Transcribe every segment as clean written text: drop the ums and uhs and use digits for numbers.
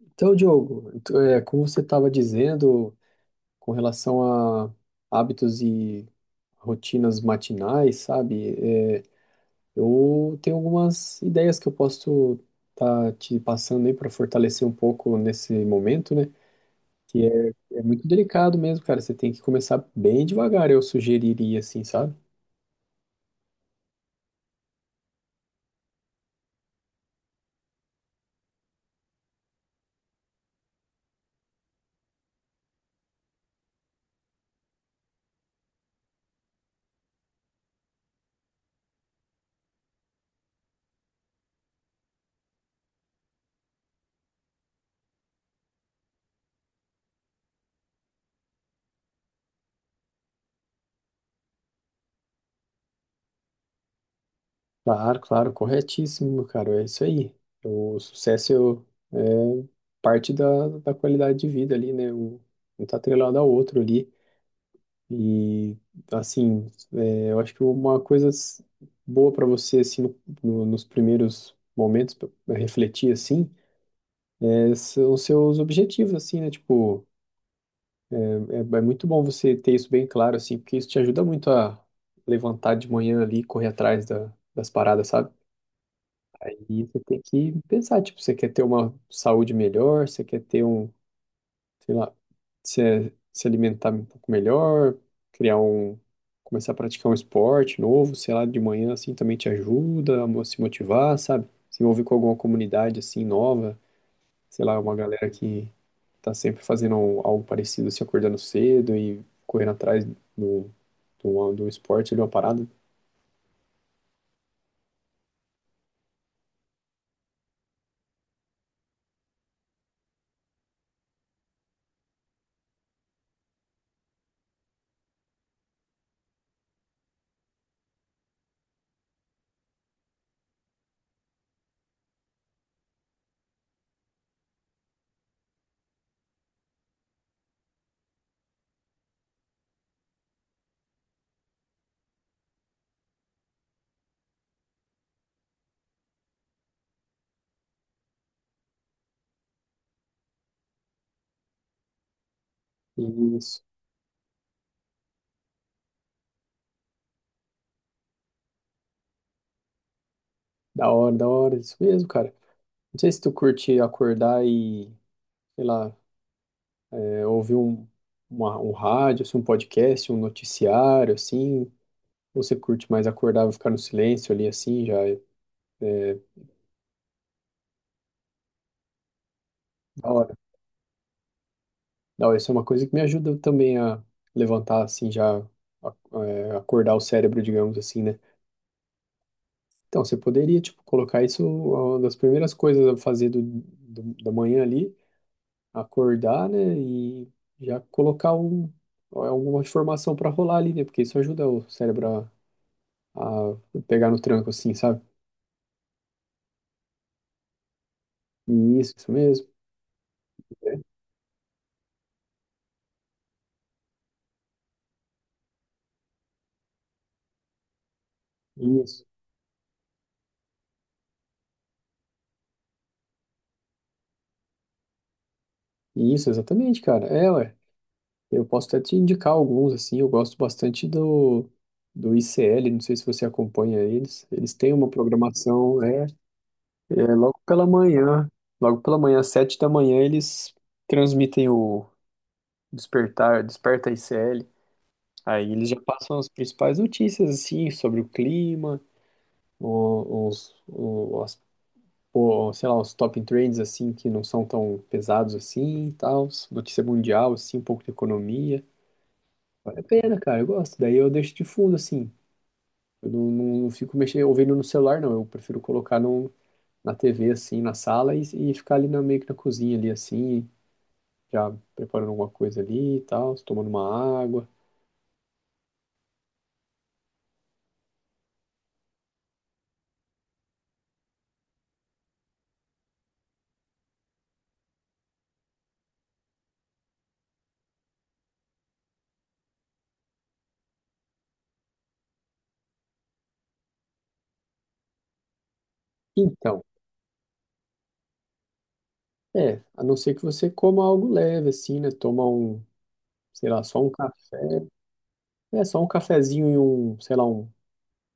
Então, Diogo, como você estava dizendo com relação a hábitos e rotinas matinais, sabe? Eu tenho algumas ideias que eu posso estar te passando aí para fortalecer um pouco nesse momento, né? Que é, é muito delicado mesmo, cara. Você tem que começar bem devagar, eu sugeriria, assim, sabe? Claro, claro, corretíssimo, cara. É isso aí. O sucesso é parte da qualidade de vida ali, né? Um tá atrelado ao outro ali. E, assim, é, eu acho que uma coisa boa para você, assim, nos primeiros momentos, pra refletir, assim, é, são os seus objetivos, assim, né? Tipo, é, é muito bom você ter isso bem claro, assim, porque isso te ajuda muito a levantar de manhã ali e correr atrás das paradas, sabe? E você tem que pensar, tipo, você quer ter uma saúde melhor, você quer ter um, sei lá, se alimentar um pouco melhor, criar um, começar a praticar um esporte novo, sei lá, de manhã assim também te ajuda a se motivar, sabe? Se envolver com alguma comunidade assim nova, sei lá, uma galera que tá sempre fazendo algo parecido, se acordando cedo e correndo atrás do, do esporte, de uma parada. Isso, da hora, isso mesmo, cara. Não sei se tu curte acordar e sei lá, é, ouvir um, um rádio, assim, um podcast, um noticiário, assim, ou você curte mais acordar e ficar no silêncio ali, assim, já é da hora. Da hora, isso é uma coisa que me ajuda também a levantar, assim, já acordar o cérebro, digamos assim, né? Então, você poderia, tipo, colocar isso uma das primeiras coisas a fazer da manhã ali, acordar, né, e já colocar um, alguma informação para rolar ali, né? Porque isso ajuda o cérebro a pegar no tranco assim, sabe? Isso mesmo. Isso. Isso, exatamente, cara. É, ué. Eu posso até te indicar alguns, assim. Eu gosto bastante do ICL, não sei se você acompanha eles. Eles têm uma programação, é logo pela manhã. Logo pela manhã, às 7h da manhã, eles transmitem o Despertar, Desperta ICL. Aí eles já passam as principais notícias, assim, sobre o clima, o, os, o- pô, sei lá, os top trends assim que não são tão pesados assim e tal, notícia mundial assim, um pouco de economia. Vale a pena, cara, eu gosto. Daí eu deixo de fundo assim. Eu não, não, não fico mexendo, ouvindo no celular, não. Eu prefiro colocar no, na TV assim, na sala e ficar ali na, meio que na cozinha ali assim, já preparando alguma coisa ali e tal, tomando uma água. Então, a não ser que você coma algo leve assim, né? Toma um, sei lá, só um café. É, só um cafezinho e um, sei lá, um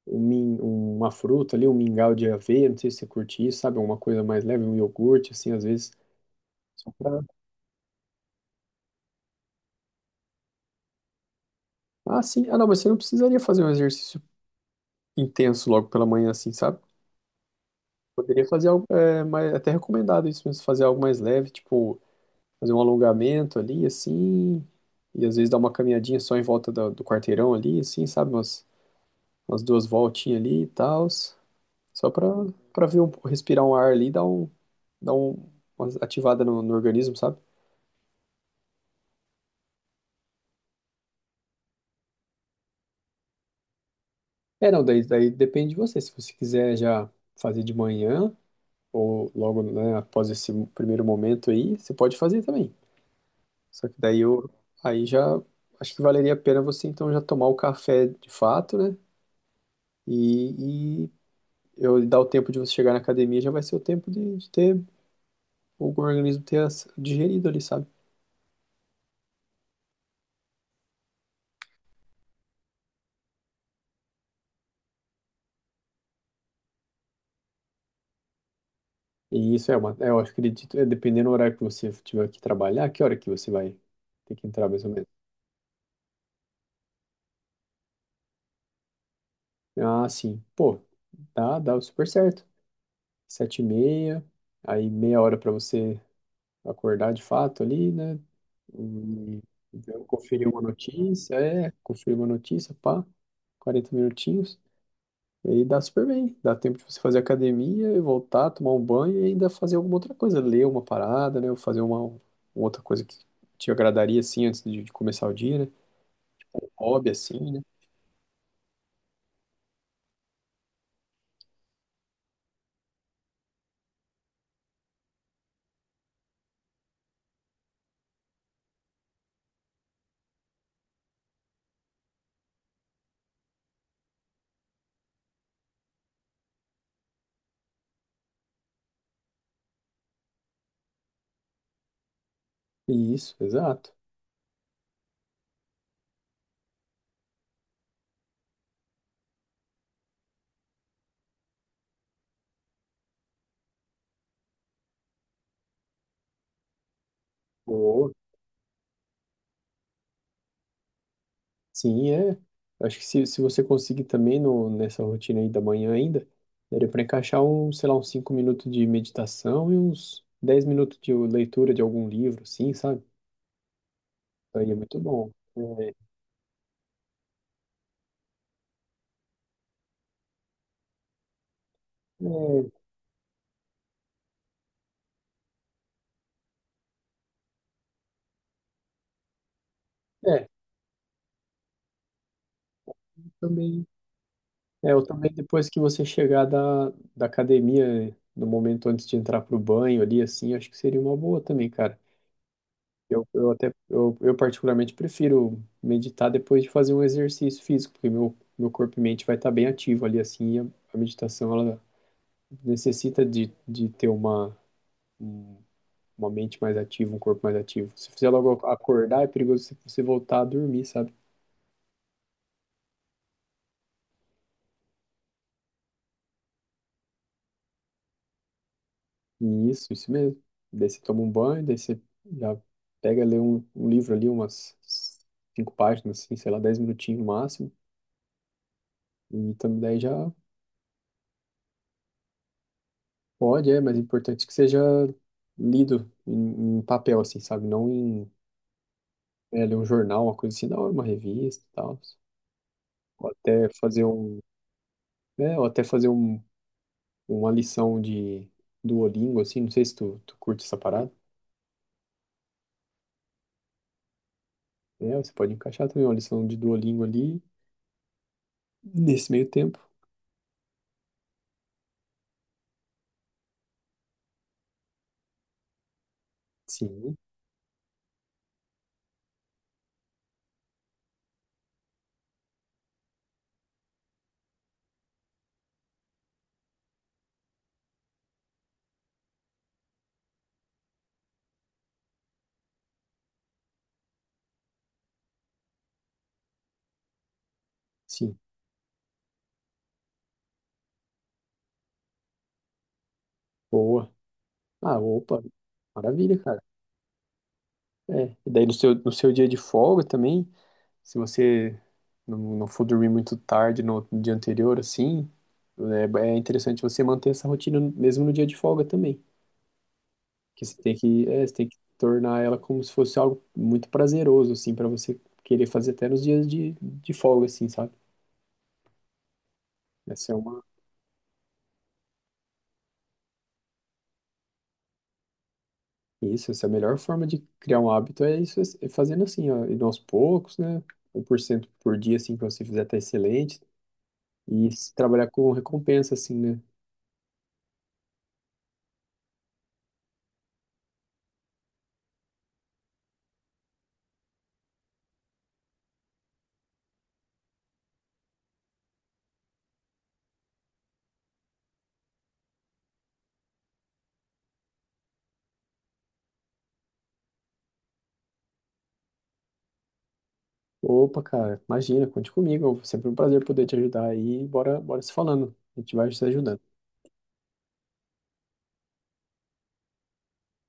um min- uma fruta ali, um mingau de aveia, não sei se você curte isso, sabe? Alguma coisa mais leve, um iogurte, assim, às vezes. Só pra... Ah, sim. Ah, não, mas você não precisaria fazer um exercício intenso logo pela manhã, assim, sabe? Poderia fazer algo, é, mais, até recomendado isso mesmo, fazer algo mais leve, tipo, fazer um alongamento ali, assim, e às vezes dar uma caminhadinha só em volta do quarteirão ali, assim, sabe? Umas, umas duas voltinhas ali e tal, só pra, pra ver um, respirar um ar ali, e dar um, uma ativada no organismo, sabe? É, não, daí depende de você. Se você quiser já fazer de manhã, ou logo, né, após esse primeiro momento aí, você pode fazer também. Só que daí eu, aí já, acho que valeria a pena você então já tomar o café de fato, né? E eu dar o tempo de você chegar na academia já vai ser o tempo de ter o organismo digerido ali, sabe? E isso é uma, é, eu acredito, é dependendo do horário que você tiver que trabalhar, que hora que você vai ter que entrar mais ou menos. Ah, sim. Pô, dá super certo. 7h30, aí meia hora para você acordar de fato ali, né? E então, conferir uma notícia, é, conferir uma notícia, pá, 40 minutinhos. E aí dá super bem, dá tempo de você fazer academia e voltar, tomar um banho e ainda fazer alguma outra coisa, ler uma parada, né? Ou fazer uma outra coisa que te agradaria, assim, antes de começar o dia, né? Um Hobby, assim, né? E isso, exato. Sim, é. Acho que se você conseguir também no, nessa rotina aí da manhã ainda, daria para encaixar um, sei lá, uns 5 minutos de meditação e uns 10 minutos de leitura de algum livro, assim, sabe? Aí é muito bom. É, é, é, também. É, eu também depois que você chegar da academia, no momento antes de entrar pro banho ali, assim, acho que seria uma boa também, cara. Eu particularmente prefiro meditar depois de fazer um exercício físico, porque meu corpo e mente vai estar bem ativo ali, assim, a meditação, ela necessita de ter uma, um- uma mente mais ativa, um corpo mais ativo. Se fizer logo acordar, é perigoso você voltar a dormir, sabe? E isso mesmo. Daí você toma um banho, daí você já pega, lê um, um livro ali, umas cinco páginas, assim, sei lá, 10 minutinhos no máximo, e também daí já pode, é, mas é importante que seja lido em papel, assim, sabe? Não em, é, ler um jornal, uma coisa assim, da hora, uma revista e tal. Ou até fazer um, é, ou até fazer um, uma lição de Duolingo, assim, não sei se tu curte essa parada. É, você pode encaixar também uma lição de Duolingo ali nesse meio tempo. Sim, sim. Boa. Ah, opa, maravilha, cara. É, e daí no seu dia de folga também, se você não, não for dormir muito tarde no dia anterior, assim, é interessante você manter essa rotina mesmo no dia de folga também. Que você tem que, é, você tem que tornar ela como se fosse algo muito prazeroso, assim, para você querer fazer até nos dias de folga, assim, sabe? Essa é uma, isso, essa é a melhor forma de criar um hábito, é isso, é fazendo assim, ó, indo aos poucos, né? 1% por cento por dia, assim, que você fizer tá excelente. E se trabalhar com recompensa, assim, né? Opa, cara, imagina, conte comigo. É sempre um prazer poder te ajudar aí. Bora, bora se falando. A gente vai se ajudando.